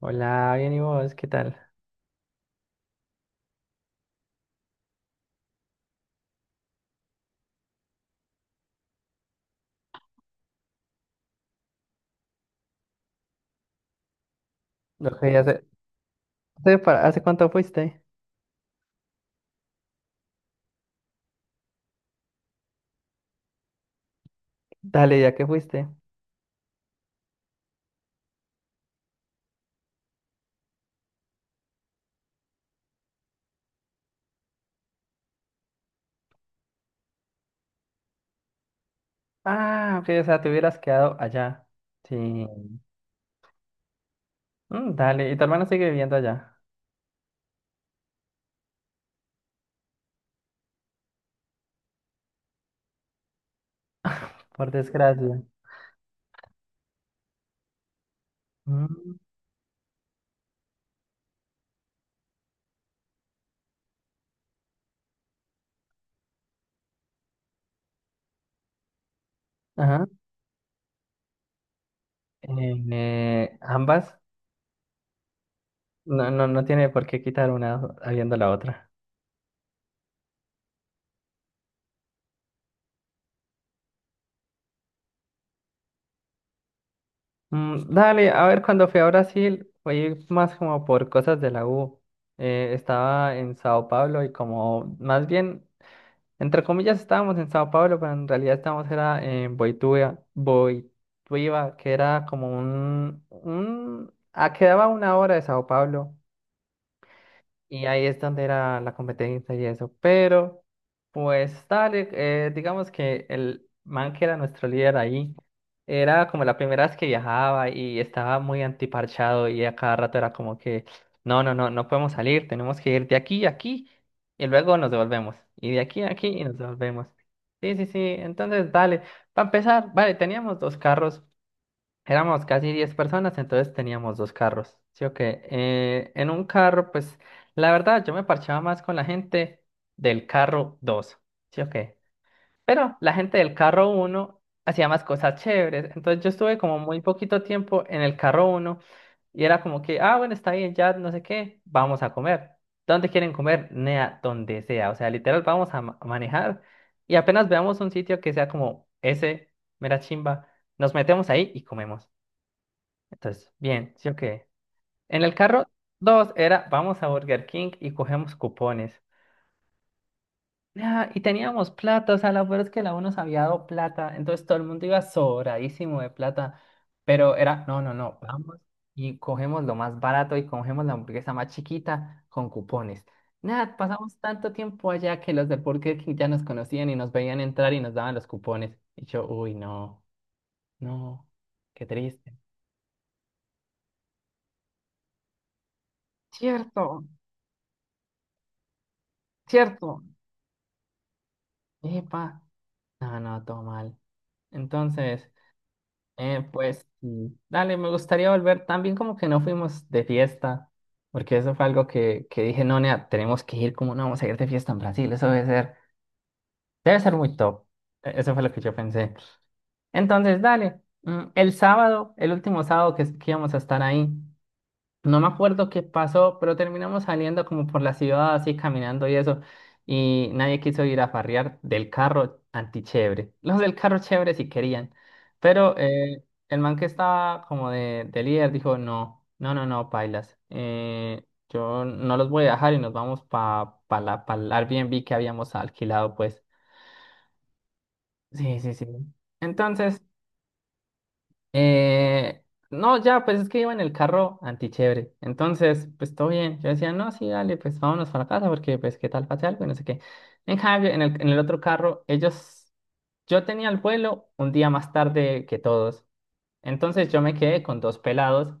Hola, bien y vos, ¿qué tal? Ok, bien. ¿Hace cuánto fuiste? Dale, ya que fuiste. Ah, ok, o sea, te hubieras quedado allá. Sí. Dale, y tu hermano sigue viviendo allá, por desgracia. Mm, ajá. Ambas, no, no, no tiene por qué quitar una habiendo la otra. Dale, a ver, cuando fui a Brasil, fui más como por cosas de la U. Estaba en Sao Paulo y como más bien. Entre comillas estábamos en Sao Paulo, pero en realidad estábamos era en Boituva, que era como quedaba 1 hora de Sao Paulo. Y ahí es donde era la competencia y eso. Pero, pues, dale, digamos que el man que era nuestro líder ahí, era como la primera vez que viajaba y estaba muy antiparchado y a cada rato era como que, no, no, no, no podemos salir, tenemos que ir de aquí a aquí y luego nos devolvemos. Y de aquí a aquí y nos devolvemos. Sí, sí, sí, entonces, dale, para empezar, vale, teníamos dos carros. Éramos casi 10 personas, entonces teníamos dos carros. Sí, ok. En un carro, pues, la verdad, yo me parchaba más con la gente del carro dos. Sí, ok. Pero la gente del carro uno hacía más cosas chéveres. Entonces yo estuve como muy poquito tiempo en el carro uno y era como que, ah, bueno, está bien, ya no sé qué, vamos a comer. ¿Dónde quieren comer? Nea, donde sea. O sea, literal, vamos a manejar y apenas veamos un sitio que sea como ese, mera chimba, nos metemos ahí y comemos. Entonces, bien, ¿sí o qué? En el carro dos era, vamos a Burger King y cogemos cupones. Ah, y teníamos plata, o sea, la verdad es que la uno nos había dado plata, entonces todo el mundo iba sobradísimo de plata, pero era, no, no, no, vamos y cogemos lo más barato y cogemos la hamburguesa más chiquita con cupones. Nada, pasamos tanto tiempo allá que los de Burger King ya nos conocían y nos veían entrar y nos daban los cupones. Y yo, uy, no, no, qué triste. Cierto, cierto. Epa. No, no, todo mal. Entonces, pues, dale, me gustaría volver también como que no fuimos de fiesta, porque eso fue algo que dije, no, nea, tenemos que ir, como no vamos a ir de fiesta en Brasil? Eso debe ser muy top. Eso fue lo que yo pensé. Entonces, dale, el sábado, el último sábado que íbamos a estar ahí. No me acuerdo qué pasó, pero terminamos saliendo como por la ciudad, así caminando y eso. Y nadie quiso ir a farrear del carro antichévere. Los del carro chévere sí querían. Pero el man que estaba como de líder dijo, no, no, no, no, pailas. Yo no los voy a dejar y nos vamos para pa pa la, pa el Airbnb que habíamos alquilado, pues. Sí, sí, sí. Entonces. Eh, no, ya, pues es que iba en el carro antichévere. Entonces, pues todo bien. Yo decía, no, sí, dale, pues vámonos para la casa porque, pues, qué tal pase algo y no sé qué. En cambio, en el otro carro, ellos, yo tenía el vuelo un día más tarde que todos. Entonces yo me quedé con dos pelados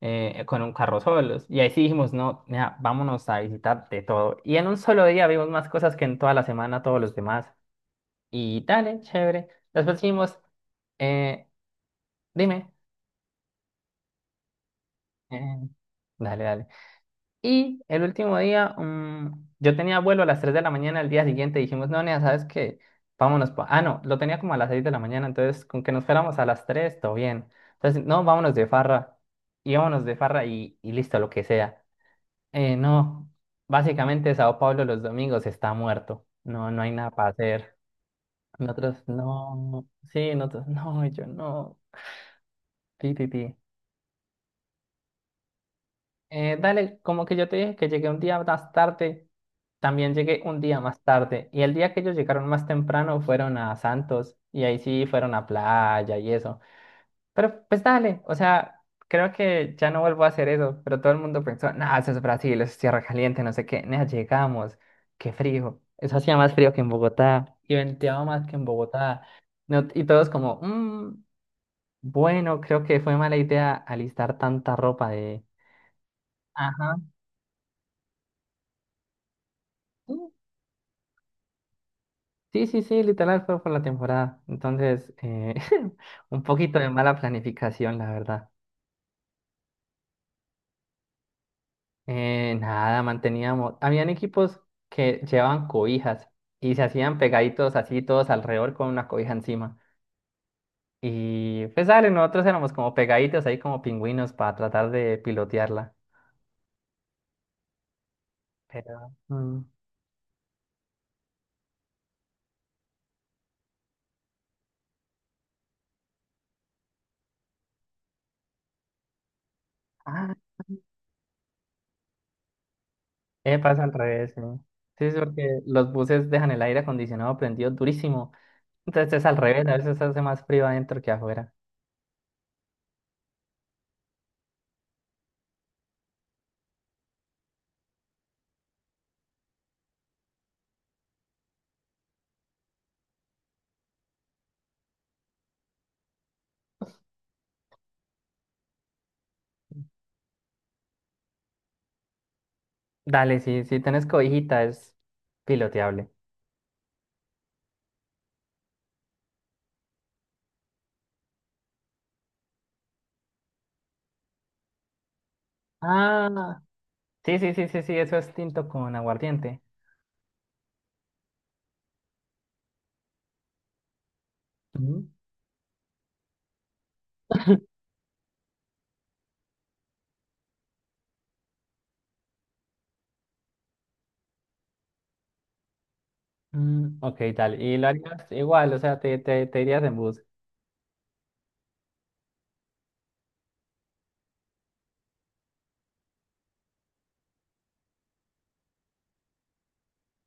con un carro solos. Y ahí sí dijimos, no, mira, vámonos a visitar de todo. Y en un solo día vimos más cosas que en toda la semana todos los demás. Y dale, chévere. Después dijimos, eh, dime. Eh, Dale, dale. Y el último día, yo tenía vuelo a las 3 de la mañana el día siguiente. Dijimos, no, Nea, ¿sabes qué? Vámonos. Ah, no, lo tenía como a las 6 de la mañana. Entonces, con que nos fuéramos a las 3 todo bien. Entonces, no, vámonos de farra. Y vámonos de farra y listo, lo que sea. No, básicamente Sao Paulo los domingos está muerto. No, no hay nada para hacer. Nosotros, no. Sí, nosotros, no, y yo no. Ti, ti, ti. Dale, como que yo te dije que llegué un día más tarde, también llegué un día más tarde. Y el día que ellos llegaron más temprano fueron a Santos y ahí sí fueron a playa y eso. Pero pues dale, o sea, creo que ya no vuelvo a hacer eso. Pero todo el mundo pensó, nah, eso es Brasil, eso es tierra caliente, no sé qué. Nah, llegamos, qué frío. Eso hacía más frío que en Bogotá y venteaba más que en Bogotá. Y todos como, "Mm, bueno, creo que fue mala idea alistar tanta ropa de. Ajá. Sí, sí, sí, literal fue por la temporada. Entonces, un poquito de mala planificación, la verdad. Nada, manteníamos. Habían equipos que llevaban cobijas y se hacían pegaditos así, todos alrededor con una cobija encima. Y pues, dale, nosotros éramos como pegaditos ahí, como pingüinos, para tratar de pilotearla. Pero, ah, pasa al revés, sí. Sí, es porque los buses dejan el aire acondicionado prendido durísimo. Entonces es al revés, a veces hace más frío adentro que afuera. Dale, sí, si tenés cobijita es piloteable. Ah, sí, sí, sí, sí, sí, eso es tinto con aguardiente. Ujú. Ok, dale. Y lo harías igual, o sea, te irías en bus.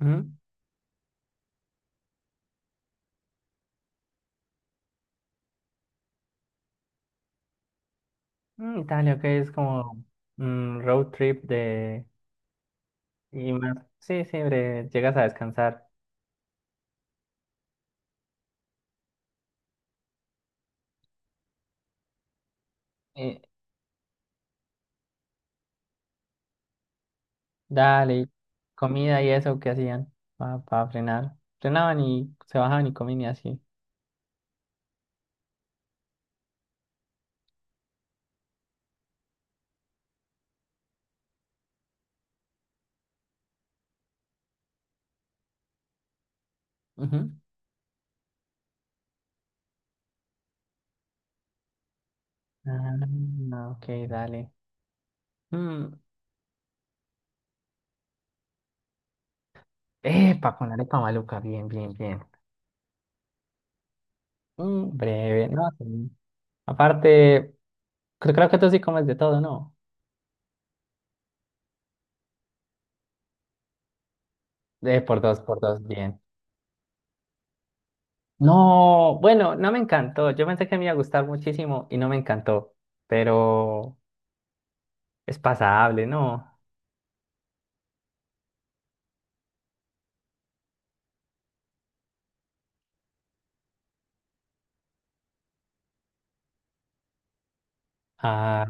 Ujú. Dale, ok, es como road trip de. Y más, sí, sí, breve, llegas a descansar. Eh, Dale, y comida y eso que hacían para frenar. Frenaban y se bajaban y comían y así. Ujú. Ah, ok, dale. Mm, Epa, con la arepa maluca, bien, bien, bien. Breve, no. Sí. Aparte, creo que tú sí comes de todo, ¿no? Por dos, por dos, bien. No, bueno, no me encantó. Yo pensé que me iba a gustar muchísimo y no me encantó, pero es pasable, ¿no? Ah,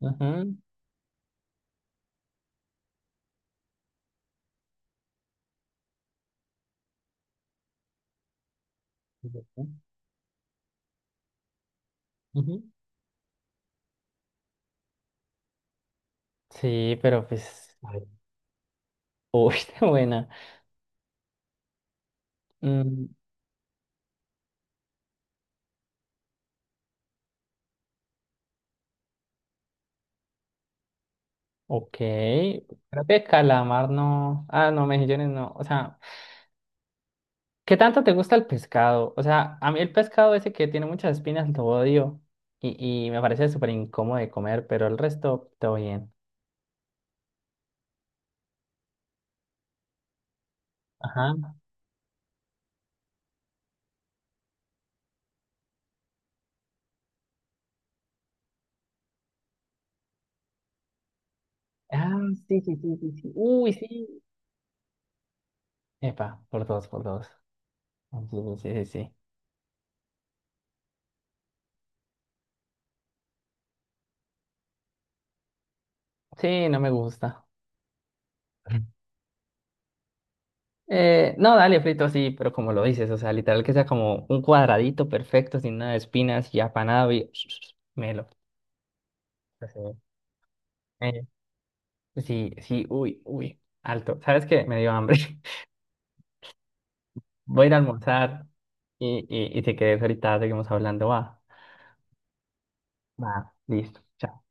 ujú, ujú, ujú. Sí, pero pues, ay, uy, qué buena. Mm, ok, creo que calamar no, ah, no, mejillones no, o sea. ¿Qué tanto te gusta el pescado? O sea, a mí el pescado ese que tiene muchas espinas lo odio y me parece súper incómodo de comer, pero el resto todo bien. Ajá. Ah, sí, sí, sí, sí, sí. Uy, sí. Epa, por dos, por dos. Sí, sí, sí. Sí, sí, no me gusta. No, dale, frito, sí, pero como lo dices, o sea, literal que sea como un cuadradito perfecto, sin nada de espinas y apanado y melo. Sí, Eh, sí, sí, uy, uy, alto. ¿Sabes qué? Me dio hambre. Voy a ir a almorzar y si querés ahorita seguimos hablando, va. Va, listo. Chao.